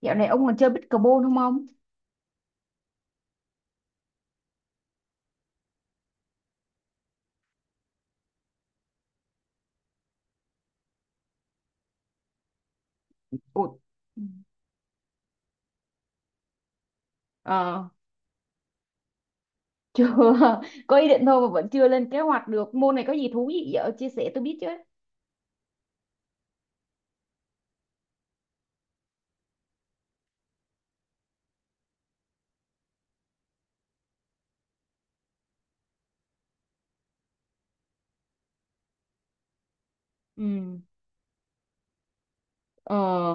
Dạo này ông còn chơi pickleball không ông? Ủa, ờ, chưa, có ý định thôi mà vẫn chưa lên kế hoạch được. Môn này có gì thú vị vậy? Ờ, Chia sẻ tôi biết chứ. Ừ. Ờ,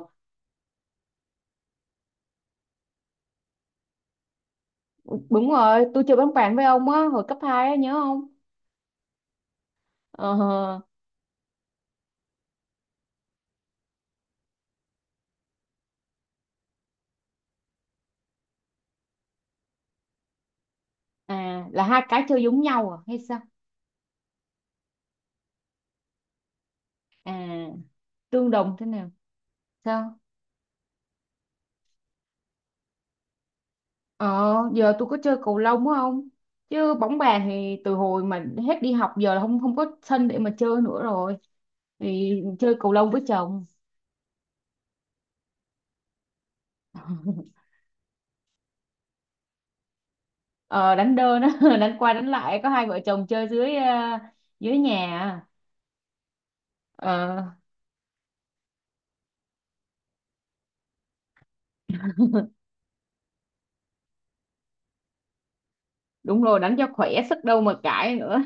đúng rồi, tôi chơi bóng bàn với ông á, hồi cấp 2 á, nhớ không? Ờ, à, là hai cái chơi giống nhau à, hay sao? À, tương đồng thế nào? Sao? Ờ, giờ tôi có chơi cầu lông á không? Chứ bóng bàn thì từ hồi mà hết đi học giờ là không không có sân để mà chơi nữa rồi. Thì chơi cầu lông với chồng. Ờ, đánh đơn á đánh qua đánh lại có hai vợ chồng chơi dưới nhà à. Ờ, đúng rồi đánh cho khỏe sức đâu mà cãi nữa,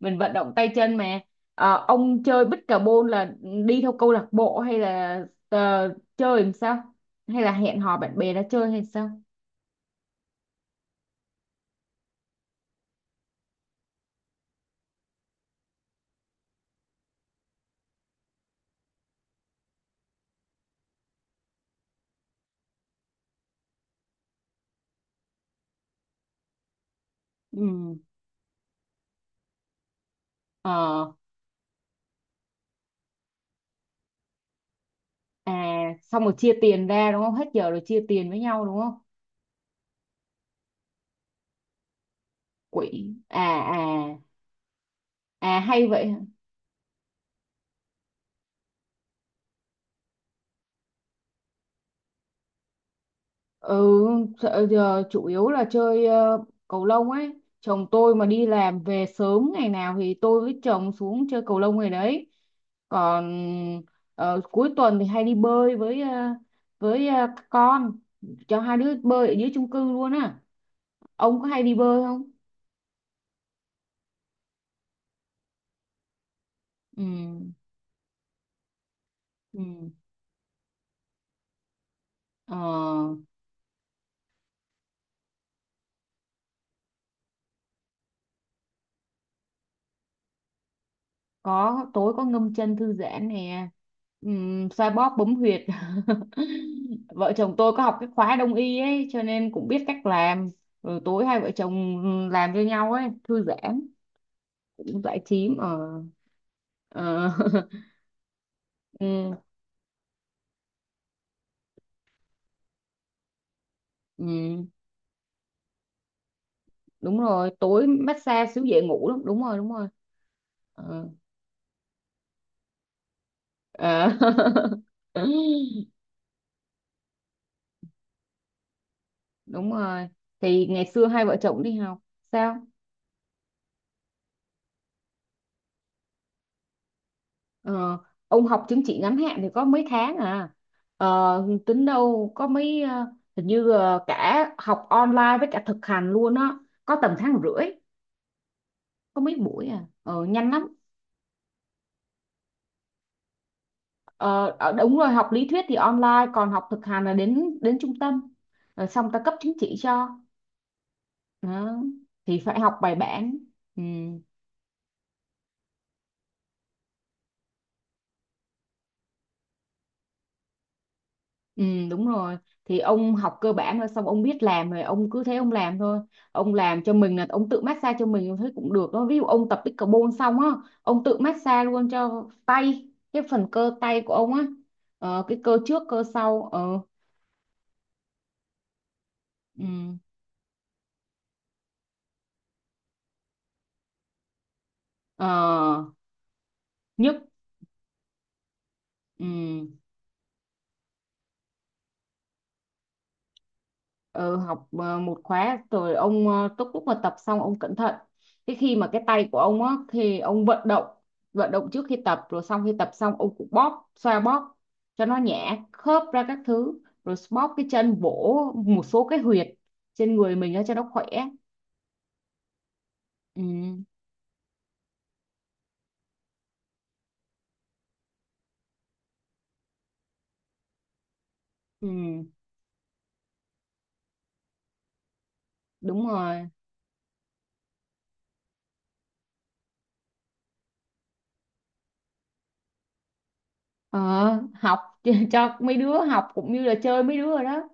mình vận động tay chân mà. Ờ, ông chơi bích cà bôn là đi theo câu lạc bộ hay là ờ, chơi làm sao, hay là hẹn hò bạn bè ra chơi hay sao? Ừ. Ờ. À, xong rồi chia tiền ra đúng không, hết giờ rồi chia tiền với nhau đúng không? Quỹ à à, à hay vậy. Ừ, sợ giờ chủ yếu là chơi cầu lông ấy. Chồng tôi mà đi làm về sớm ngày nào thì tôi với chồng xuống chơi cầu lông ngày đấy. Còn cuối tuần thì hay đi bơi các con, cho hai đứa bơi ở dưới chung cư luôn á. Ông có hay đi bơi không? Ừ. Ừ. Ờ. Có tối có ngâm chân thư giãn nè, xoa bóp bấm huyệt. Vợ chồng tôi có học cái khóa đông y ấy cho nên cũng biết cách làm, rồi tối hai vợ chồng làm cho nhau ấy thư giãn, giải trí ở. ờ ừ, ừ, đúng rồi tối massage xíu dễ ngủ lắm, đúng rồi đúng rồi. Ờ, ờ. Đúng rồi, thì ngày xưa hai vợ chồng đi học. Sao? Ờ, ông học chứng chỉ ngắn hạn thì có mấy tháng à, tính đâu có mấy, hình như cả học online với cả thực hành luôn á, có tầm tháng rưỡi, có mấy buổi à, nhanh lắm. Ờ, ờ, đúng rồi, học lý thuyết thì online còn học thực hành là đến đến trung tâm rồi xong ta cấp chứng chỉ cho. Đó. Thì phải học bài bản. Ừ. Ừ đúng rồi, thì ông học cơ bản rồi xong ông biết làm rồi ông cứ thế ông làm thôi. Ông làm cho mình, là ông tự massage cho mình thấy cũng được đó, ví dụ ông tập pickleball xong á ông tự massage luôn cho tay, cái phần cơ tay của ông á, cái cơ trước cơ sau. Ờ ừ, ờ, nhức. Ừ. Ừ, học một khóa rồi ông lúc lúc mà tập xong ông cẩn thận, cái khi mà cái tay của ông á thì ông vận động, vận động trước khi tập rồi xong khi tập xong ông cũng bóp xoa bóp cho nó nhả khớp ra các thứ, rồi bóp cái chân vỗ một số cái huyệt trên người mình á cho nó khỏe. Ừ, ừ, đúng rồi. Ờ, học. Cho mấy đứa học cũng như là chơi mấy đứa rồi đó.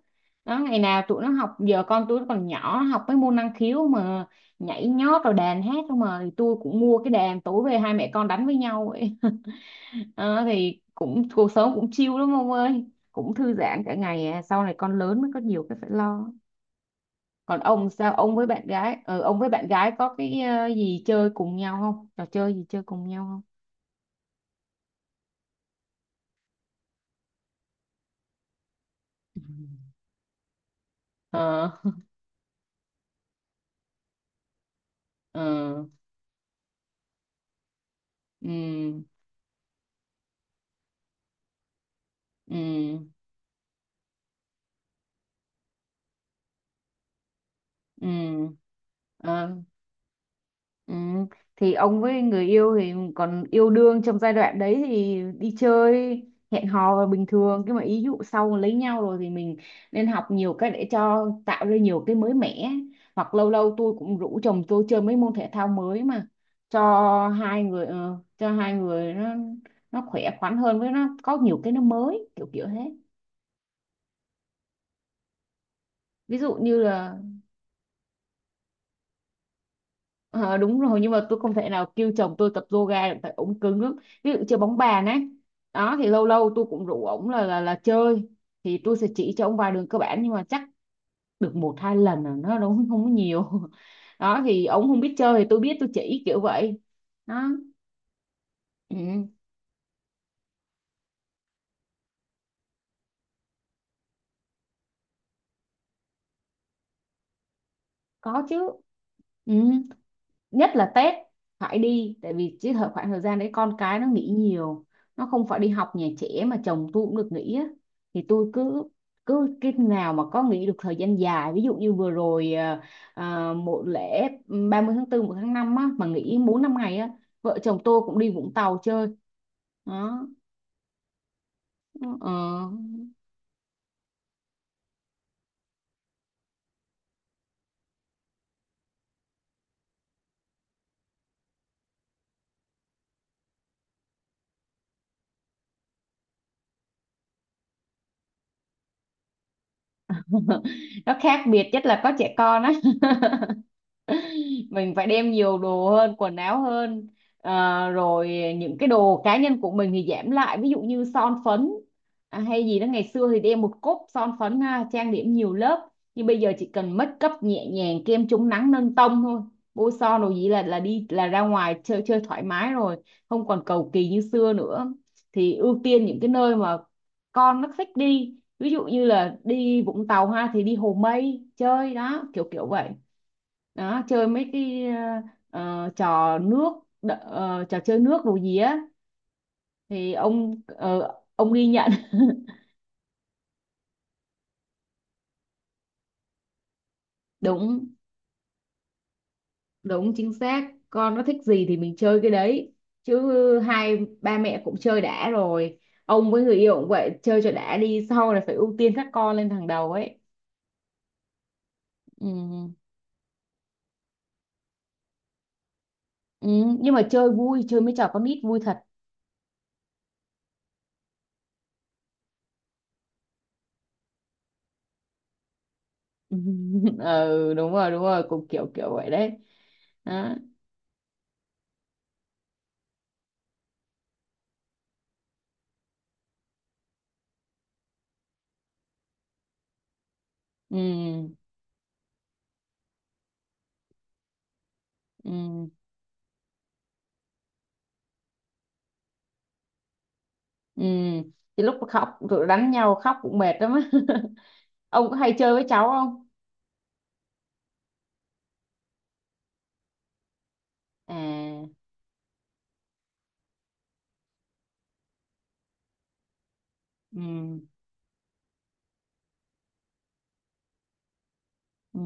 Đó, ngày nào tụi nó học, giờ con tụi nó còn nhỏ nó học mấy môn năng khiếu mà, nhảy nhót rồi đàn hát không mà, thì tôi cũng mua cái đàn tối về hai mẹ con đánh với nhau vậy. Ờ, thì cũng cuộc sống cũng chill lắm ông ơi, cũng thư giãn cả ngày à. Sau này con lớn mới có nhiều cái phải lo. Còn ông sao, ông với bạn gái có cái gì chơi cùng nhau không, trò chơi gì chơi cùng nhau không? Ừ. Ờ. Ờ. Ừ. Ừ. Ừ. Ờ, ừ. Thì ông với người yêu thì còn yêu đương trong giai đoạn đấy thì đi chơi hẹn hò là bình thường, nhưng mà ý dụ sau mà lấy nhau rồi thì mình nên học nhiều cách để cho tạo ra nhiều cái mới mẻ, hoặc lâu lâu tôi cũng rủ chồng tôi chơi mấy môn thể thao mới, mà cho hai người nó khỏe khoắn hơn, với nó có nhiều cái nó mới kiểu kiểu thế. Ví dụ như là, Ờ, đúng rồi nhưng mà tôi không thể nào kêu chồng tôi tập yoga được tại ổng cứng lắm. Ví dụ chơi bóng bàn ấy, đó thì lâu lâu tôi cũng rủ ổng là chơi, thì tôi sẽ chỉ cho ổng vài đường cơ bản nhưng mà chắc được một hai lần là nó đúng, không có nhiều. Đó thì ổng không biết chơi thì tôi biết tôi chỉ kiểu vậy đó. Ừ, có chứ. Ừ. Nhất là Tết phải đi, tại vì cái khoảng thời gian đấy con cái nó nghỉ nhiều, nó không phải đi học nhà trẻ mà chồng tôi cũng được nghỉ á, thì tôi cứ cứ cái nào mà có nghỉ được thời gian dài, ví dụ như vừa rồi à, à, một lễ 30 tháng 4 một tháng 5 á mà nghỉ 4 5 ngày á, vợ chồng tôi cũng đi Vũng Tàu chơi đó. Ờ. Nó khác biệt nhất là có trẻ con á, mình phải đem nhiều đồ hơn, quần áo hơn. Ờ, rồi những cái đồ cá nhân của mình thì giảm lại, ví dụ như son phấn, à, hay gì đó, ngày xưa thì đem một cốc son phấn ha, trang điểm nhiều lớp nhưng bây giờ chỉ cần make up nhẹ nhàng, kem chống nắng nâng tông thôi, bôi son đồ gì là đi, là ra ngoài chơi chơi thoải mái rồi, không còn cầu kỳ như xưa nữa. Thì ưu tiên những cái nơi mà con nó thích đi, ví dụ như là đi Vũng Tàu ha thì đi Hồ Mây chơi đó kiểu kiểu vậy. Đó, chơi mấy cái trò nước, trò chơi nước đồ gì á, thì ông ghi nhận. Đúng, đúng chính xác, con nó thích gì thì mình chơi cái đấy, chứ hai ba mẹ cũng chơi đã rồi. Ông với người yêu cũng vậy, chơi cho đã đi, sau này phải ưu tiên các con lên hàng đầu ấy. Ừ. Ừ. Nhưng mà chơi vui, chơi mấy trò con nít vui thật. Ừ đúng rồi đúng rồi, cũng kiểu kiểu vậy đấy đó. Ừ. Ừ. Ừ. Thì lúc khóc tụi đánh nhau khóc cũng mệt lắm á. Ông có hay chơi với cháu không? À. Ừ. Ừ.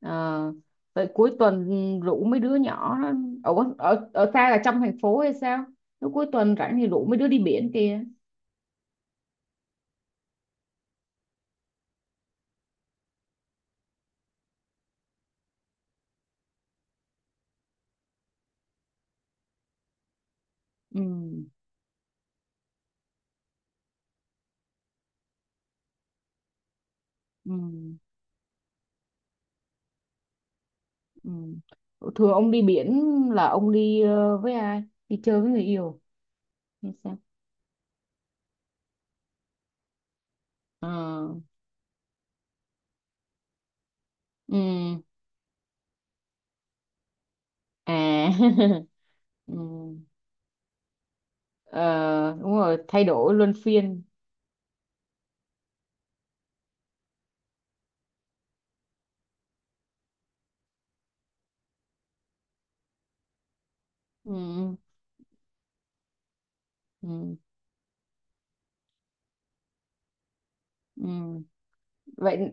Ờ. Vậy cuối tuần rủ mấy đứa nhỏ đó. Ở, ở ở xa là trong thành phố hay sao? Lúc cuối tuần rảnh thì rủ mấy đứa đi biển kia. Ừ. Ừ. Ừ. Thường ông đi biển là ông đi với ai? Đi chơi với người yêu hay sao? Ờ. Ừ. À. Ừ. Ờ, đúng rồi, thay đổi luân phiên. Ừ, ừ, ừ. Vậy,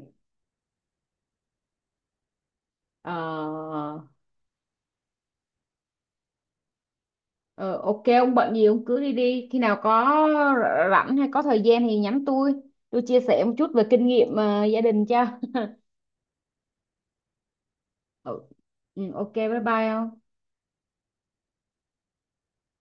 ờ, ờ, ok ông bận gì ông cứ đi đi, khi nào có rảnh hay có thời gian thì nhắn tôi chia sẻ một chút về kinh nghiệm gia đình cho. Ừ, ừ, ok bye bye ông.